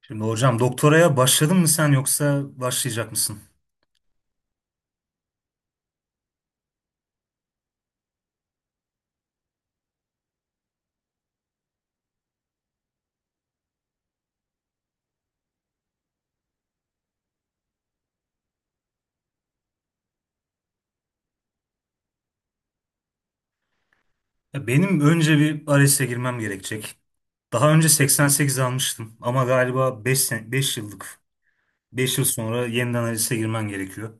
Şimdi hocam doktoraya başladın mı sen yoksa başlayacak mısın? Ya benim önce bir ALES'e girmem gerekecek. Daha önce 88 almıştım ama galiba yıllık beş yıl sonra yeniden ALES'e girmen gerekiyor.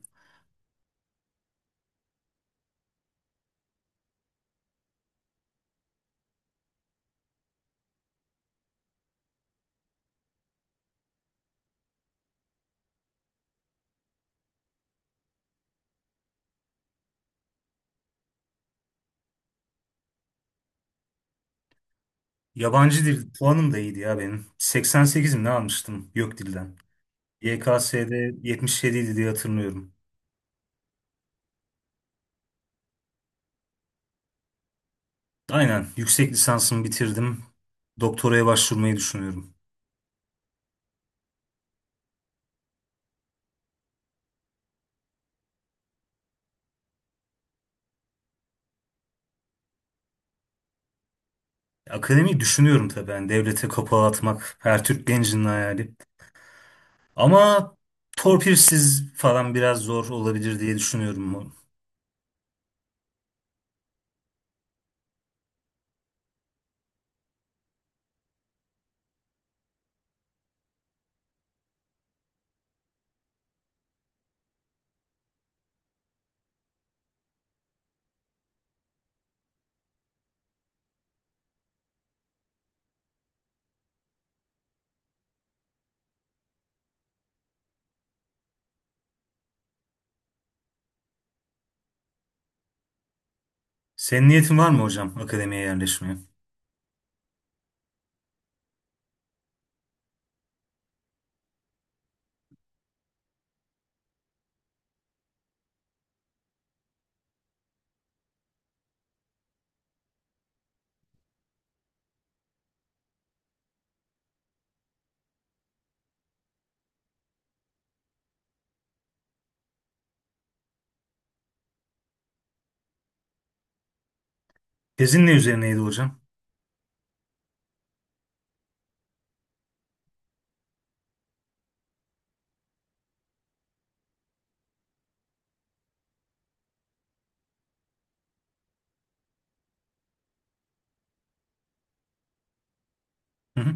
Yabancı dil puanım da iyiydi ya benim. 88 mi ne almıştım YÖK dilden. YKS'de 77 idi diye hatırlıyorum. Aynen yüksek lisansımı bitirdim. Doktoraya başvurmayı düşünüyorum. Akademiyi düşünüyorum tabii. Yani devlete kapağı atmak her Türk gencinin hayali. Ama torpilsiz falan biraz zor olabilir diye düşünüyorum. Senin niyetin var mı hocam akademiye yerleşmeye? Tezin ne üzerineydi hocam? Hı hı.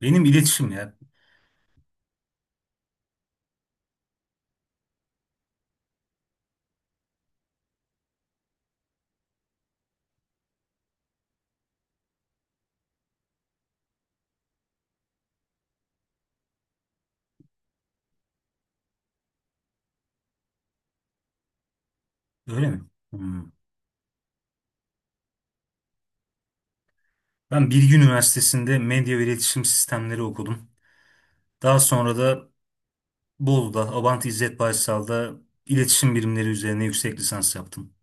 Benim iletişim ya. Öyle mi? Hmm. Ben Bilgi Üniversitesi'nde medya ve iletişim sistemleri okudum. Daha sonra da Bolu'da Abant İzzet Baysal'da iletişim bilimleri üzerine yüksek lisans yaptım.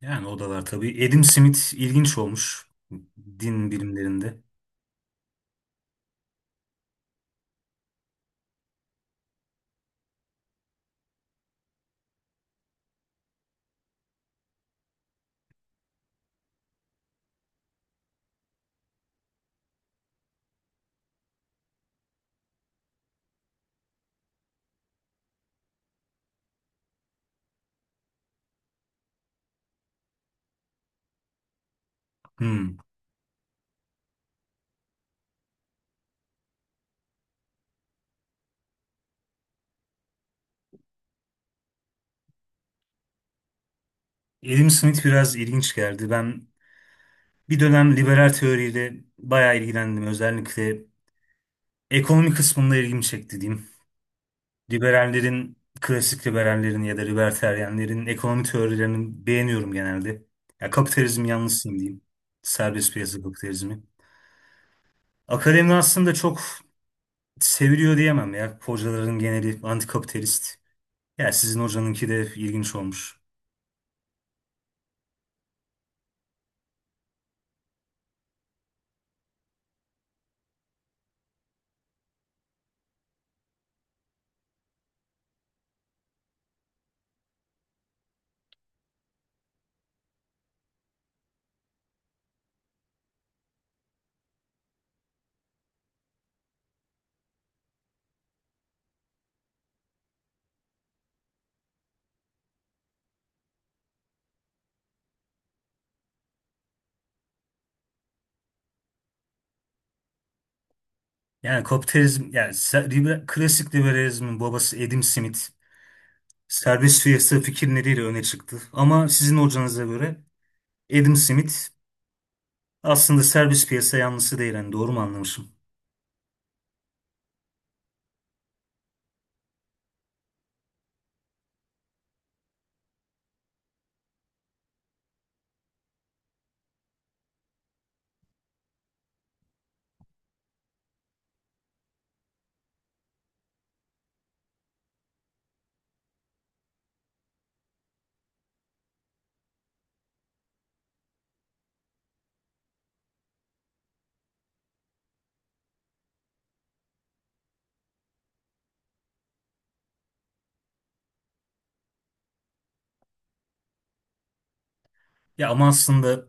Yani o da var tabii. Adam Smith ilginç olmuş din bilimlerinde. Hmm. Adam Smith biraz ilginç geldi. Ben bir dönem liberal teoriyle bayağı ilgilendim. Özellikle ekonomi kısmında ilgimi çekti diyeyim. Liberallerin, klasik liberallerin ya da libertaryenlerin ekonomi teorilerini beğeniyorum genelde. Ya kapitalizmin yanlısıyım diyeyim. Serbest piyasa kapitalizmi. Akademi aslında çok seviliyor diyemem ya. Hocaların geneli antikapitalist. Ya sizin hocanınki de ilginç olmuş. Yani kapitalizm, yani klasik liberalizmin babası Adam Smith. Servis piyasa fikirleriyle öne çıktı. Ama sizin hocanıza göre Adam Smith aslında servis piyasa yanlısı değil. Yani doğru mu anlamışım? Ya ama aslında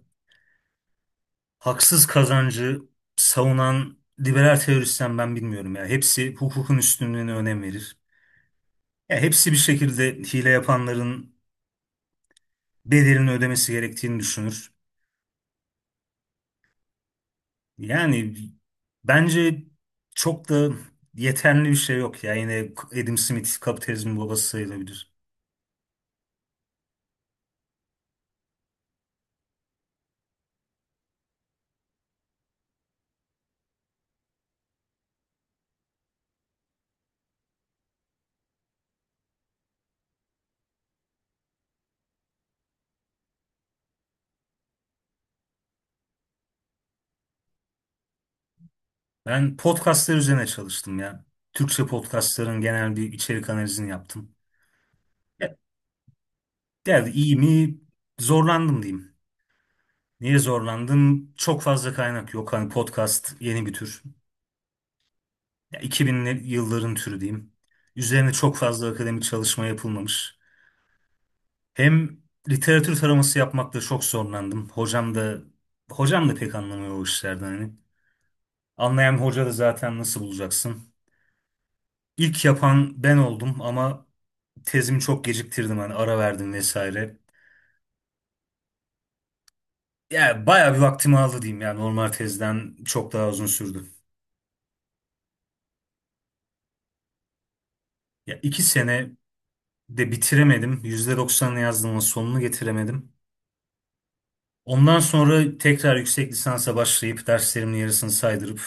haksız kazancı savunan liberal teorisyen ben bilmiyorum ya. Hepsi hukukun üstünlüğüne önem verir. Ya hepsi bir şekilde hile yapanların bedelini ödemesi gerektiğini düşünür. Yani bence çok da yeterli bir şey yok ya. Yine Adam Smith kapitalizmin babası sayılabilir. Ben podcastlar üzerine çalıştım ya. Türkçe podcastların genel bir içerik analizini yaptım. Ya, yani iyi mi? Zorlandım diyeyim. Niye zorlandım? Çok fazla kaynak yok. Hani podcast yeni bir tür. Ya 2000'li yılların türü diyeyim. Üzerine çok fazla akademik çalışma yapılmamış. Hem literatür taraması yapmakta çok zorlandım. Hocam da pek anlamıyor o işlerden hani. Anlayan bir hoca da zaten nasıl bulacaksın? İlk yapan ben oldum ama tezimi çok geciktirdim hani, ara verdim vesaire. Yani bayağı bir vaktimi aldı diyeyim ya, normal tezden çok daha uzun sürdü. Ya iki sene de bitiremedim. %90'ını yazdım ama sonunu getiremedim. Ondan sonra tekrar yüksek lisansa başlayıp derslerimin yarısını saydırıp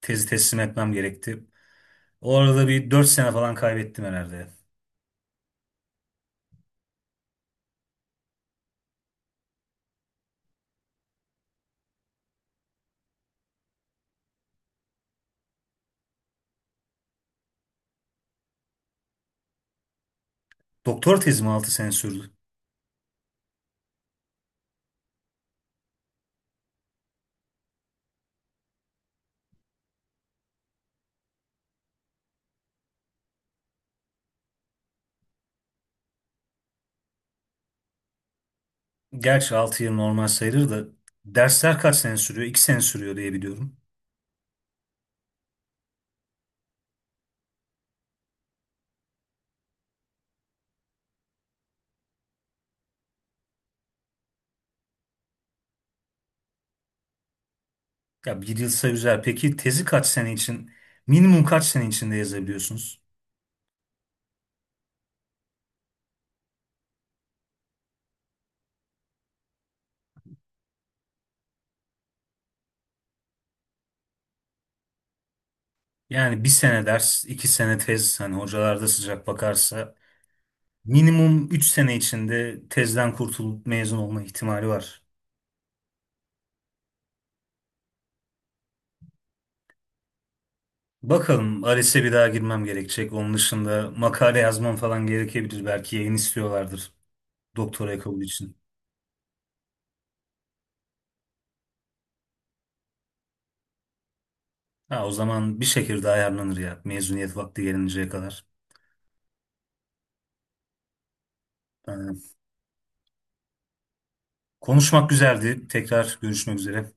tezi teslim etmem gerekti. O arada bir 4 sene falan kaybettim herhalde. Doktor tezim 6 sene sürdü. Gerçi 6 yıl normal sayılır da dersler kaç sene sürüyor? 2 sene sürüyor diye biliyorum. Ya bir yılsa güzel. Peki tezi kaç sene için, minimum kaç sene içinde yazabiliyorsunuz? Yani bir sene ders, iki sene tez, hani hocalar da sıcak bakarsa minimum 3 sene içinde tezden kurtulup mezun olma ihtimali var. Bakalım ALES'e bir daha girmem gerekecek. Onun dışında makale yazmam falan gerekebilir. Belki yayın istiyorlardır doktora kabul için. Ha, o zaman bir şekilde ayarlanır ya mezuniyet vakti gelinceye kadar. Aynen. Konuşmak güzeldi. Tekrar görüşmek üzere.